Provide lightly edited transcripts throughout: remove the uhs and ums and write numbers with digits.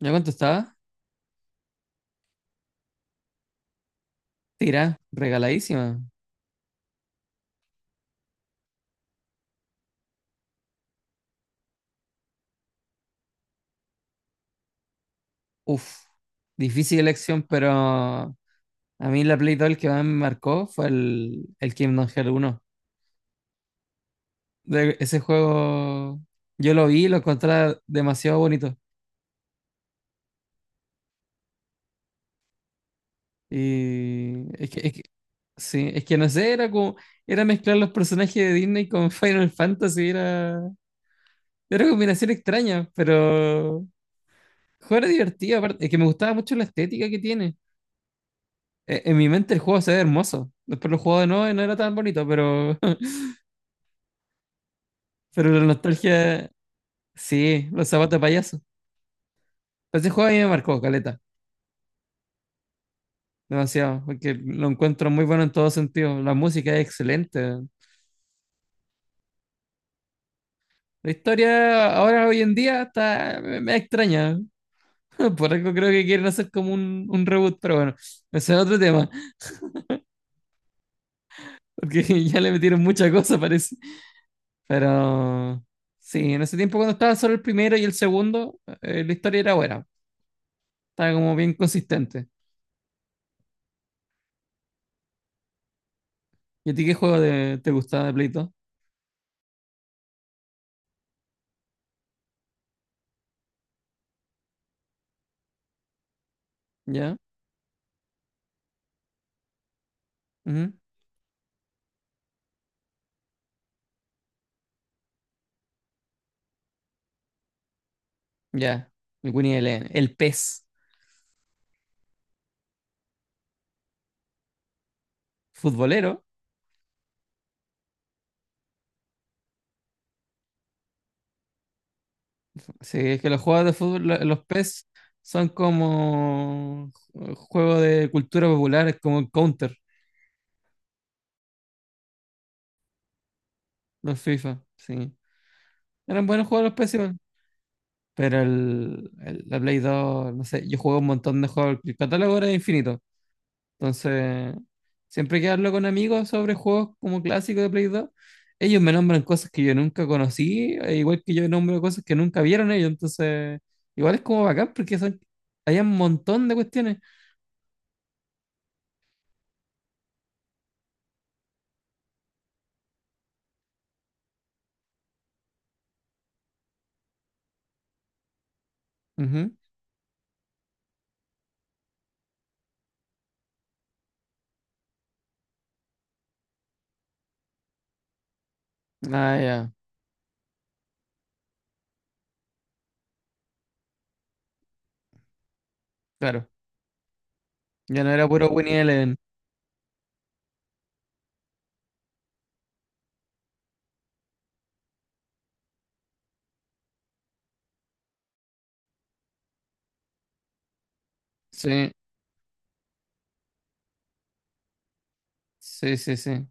¿Ya cuánto estaba? Tira, regaladísima. Uf, difícil elección, pero a mí la Play 2 el que más me marcó fue el Kingdom Hearts 1. Ese juego yo lo vi y lo encontré demasiado bonito. Y es que sí, es que no sé, era como, era mezclar los personajes de Disney con Final Fantasy, era, era una combinación extraña, pero el juego era divertido. Aparte, es que me gustaba mucho la estética que tiene. En mi mente el juego se ve hermoso. Después lo jugado de nuevo y no era tan bonito, pero pero la nostalgia, sí, los zapatos de payaso. Pero ese juego a mí me marcó, caleta, demasiado, porque lo encuentro muy bueno en todo sentido. La música es excelente. La historia ahora, hoy en día, está, me extraña. Por algo creo que quieren hacer como un reboot, pero bueno, ese es otro tema, porque ya le metieron mucha cosa, parece. Pero sí, en ese tiempo cuando estaba solo el primero y el segundo, la historia era buena. Está como bien consistente. ¿Y a ti qué juego te gustaba de Play 2? ¿Ya? Ujú. Ya. El Winnie the Line. El Pez futbolero. Sí, es que los juegos de fútbol, los Pez son como juegos de cultura popular, es como el Counter, los FIFA. Sí. Eran buenos juegos los Pez igual. Pero el, la Play 2, no sé, yo jugué un montón de juegos. El catálogo era infinito. Entonces, siempre que hablo con amigos sobre juegos como clásicos de Play 2, ellos me nombran cosas que yo nunca conocí, e igual que yo nombro cosas que nunca vieron ellos. Entonces, igual es como bacán porque son, hay un montón de cuestiones. Ujú. Ah, ya, claro. Ya no era puro Winnie Eleven. Sí, sí, sí, sí.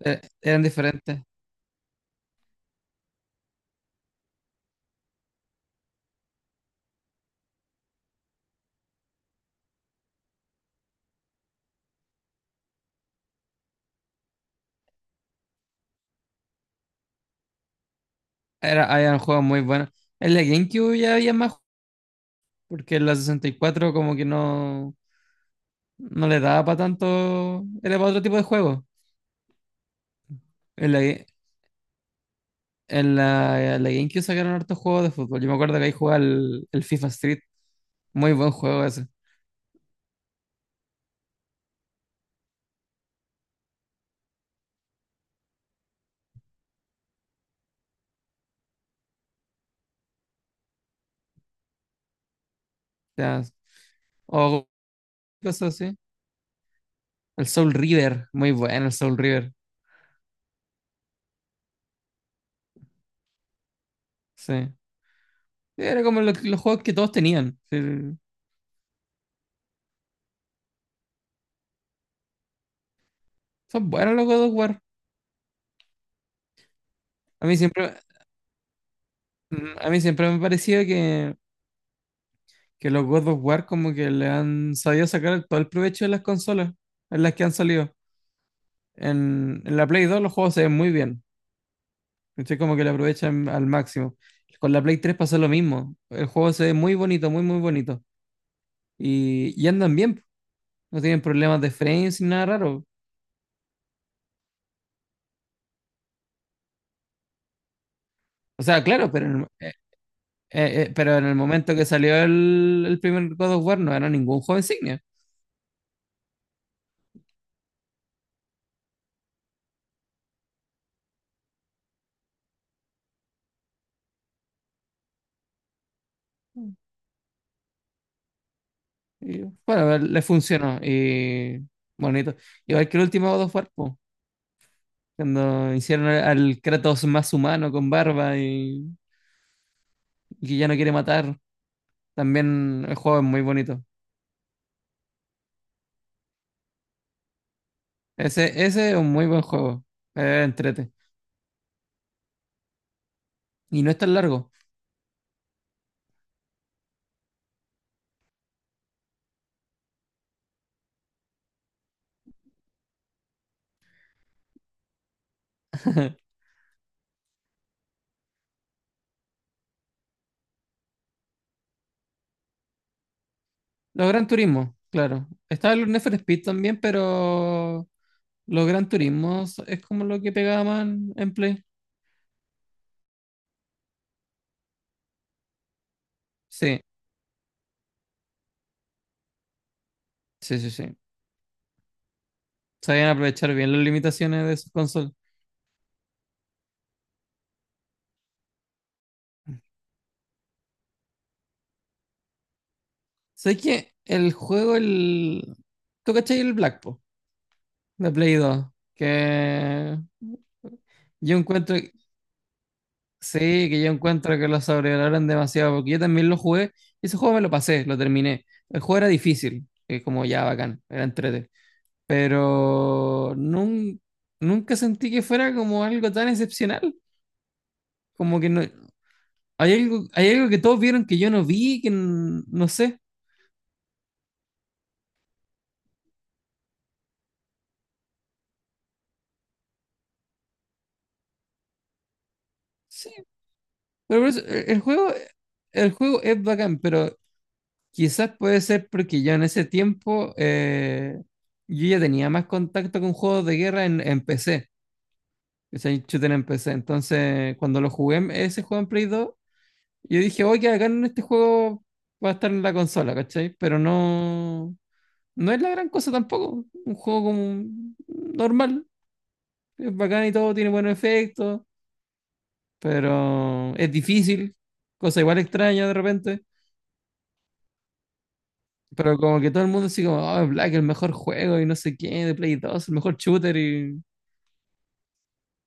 Eran diferentes. Era, habían juegos muy buenos. En la GameCube ya había más, porque en la 64 como que no, no le daba para tanto, era para otro tipo de juego. En la, en la GameCube sacaron hartos juegos de fútbol. Yo me acuerdo que ahí jugaba el FIFA Street. Muy buen juego ese. Ya, o cosas así. El Soul River. Muy bueno el Soul River. Sí. Era como los juegos que todos tenían. Sí. Son buenos los God of War. A mí siempre, a mí siempre me ha parecido que los God of War como que le han sabido sacar todo el provecho de las consolas en las que han salido. En la Play 2 los juegos se ven muy bien. ¿Cachai? Como que lo aprovechan al máximo. Con la Play 3 pasó lo mismo. El juego se ve muy bonito, muy bonito. Y andan bien, po. No tienen problemas de frames ni nada raro. O sea, claro, pero en el momento que salió el primer God of War no era ningún juego insignia. Y, bueno, le funcionó. Y bonito. Igual que el último God of War, po, cuando hicieron al Kratos más humano con barba y que ya no quiere matar. También el juego es muy bonito. Ese es un muy buen juego. Entrete. Y no es tan largo. Los Gran Turismo, claro. Estaba el Need for Speed también, pero los Gran Turismos es como lo que pegaban en Play. Sí, sí, sí, sí. Sabían aprovechar bien las limitaciones de sus consolas. Sé que el juego, el... ¿Tú cachai el Black Blacktop de Play 2? Que yo encuentro, Sí, que yo encuentro que lo sobrevaloran demasiado, porque yo también lo jugué, y ese juego me lo pasé, lo terminé. El juego era difícil, es como ya bacán, era entrete, pero nunca sentí que fuera como algo tan excepcional, como que no, hay algo que todos vieron que yo no vi, que no sé. Sí, pero por eso, el juego es bacán, pero quizás puede ser porque yo en ese tiempo yo ya tenía más contacto con juegos de guerra en PC. Es el shooter en PC. Entonces, cuando lo jugué, ese juego en Play 2, yo dije, oye, acá en este juego va a estar en la consola, ¿cachai? Pero no, no es la gran cosa tampoco. Un juego como normal, es bacán y todo, tiene buenos efectos, pero es difícil, cosa igual extraña de repente. Pero como que todo el mundo así como, oh, Black, el mejor juego y no sé qué, de Play 2, el mejor shooter y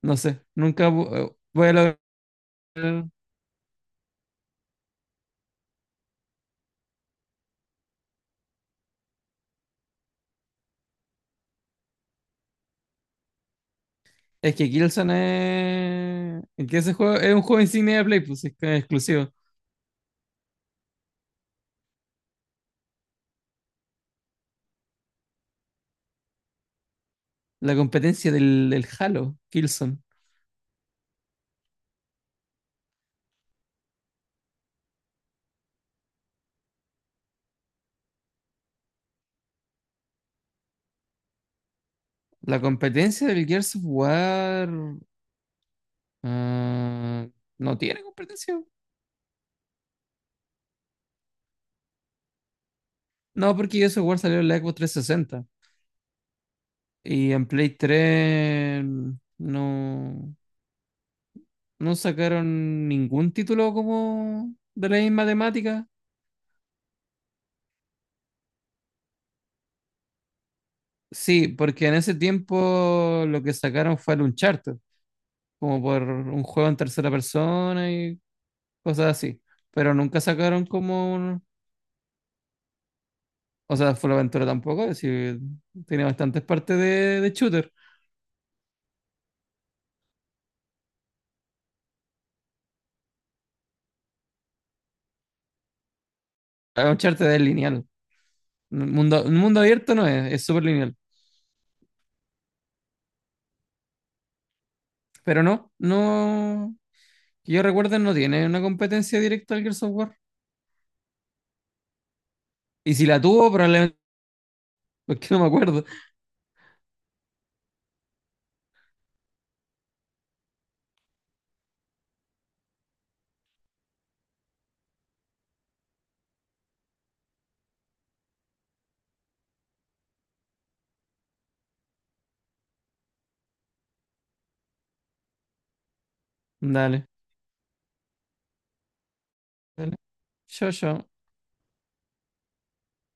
no sé, nunca voy a lograr. Es que Killzone es. Es que ese juego es un juego insignia de Play, pues es que es exclusivo. La competencia del Halo, Killzone. La competencia del Gears of War. Ah, no tiene competencia. No, porque Gears of War salió en la Xbox 360. Y en Play 3 no, no sacaron ningún título como de la misma temática. Sí, porque en ese tiempo lo que sacaron fue el Uncharted. Como por un juego en tercera persona y cosas así. Pero nunca sacaron como un... O sea, full aventura tampoco, es decir, tiene bastantes partes de shooter. Uncharted es lineal. Un mundo abierto no es, es súper lineal. Pero no... Que yo recuerdo no tiene una competencia directa al Gears of War. Y si la tuvo, probablemente... porque no me acuerdo. Dale, dale. Yo.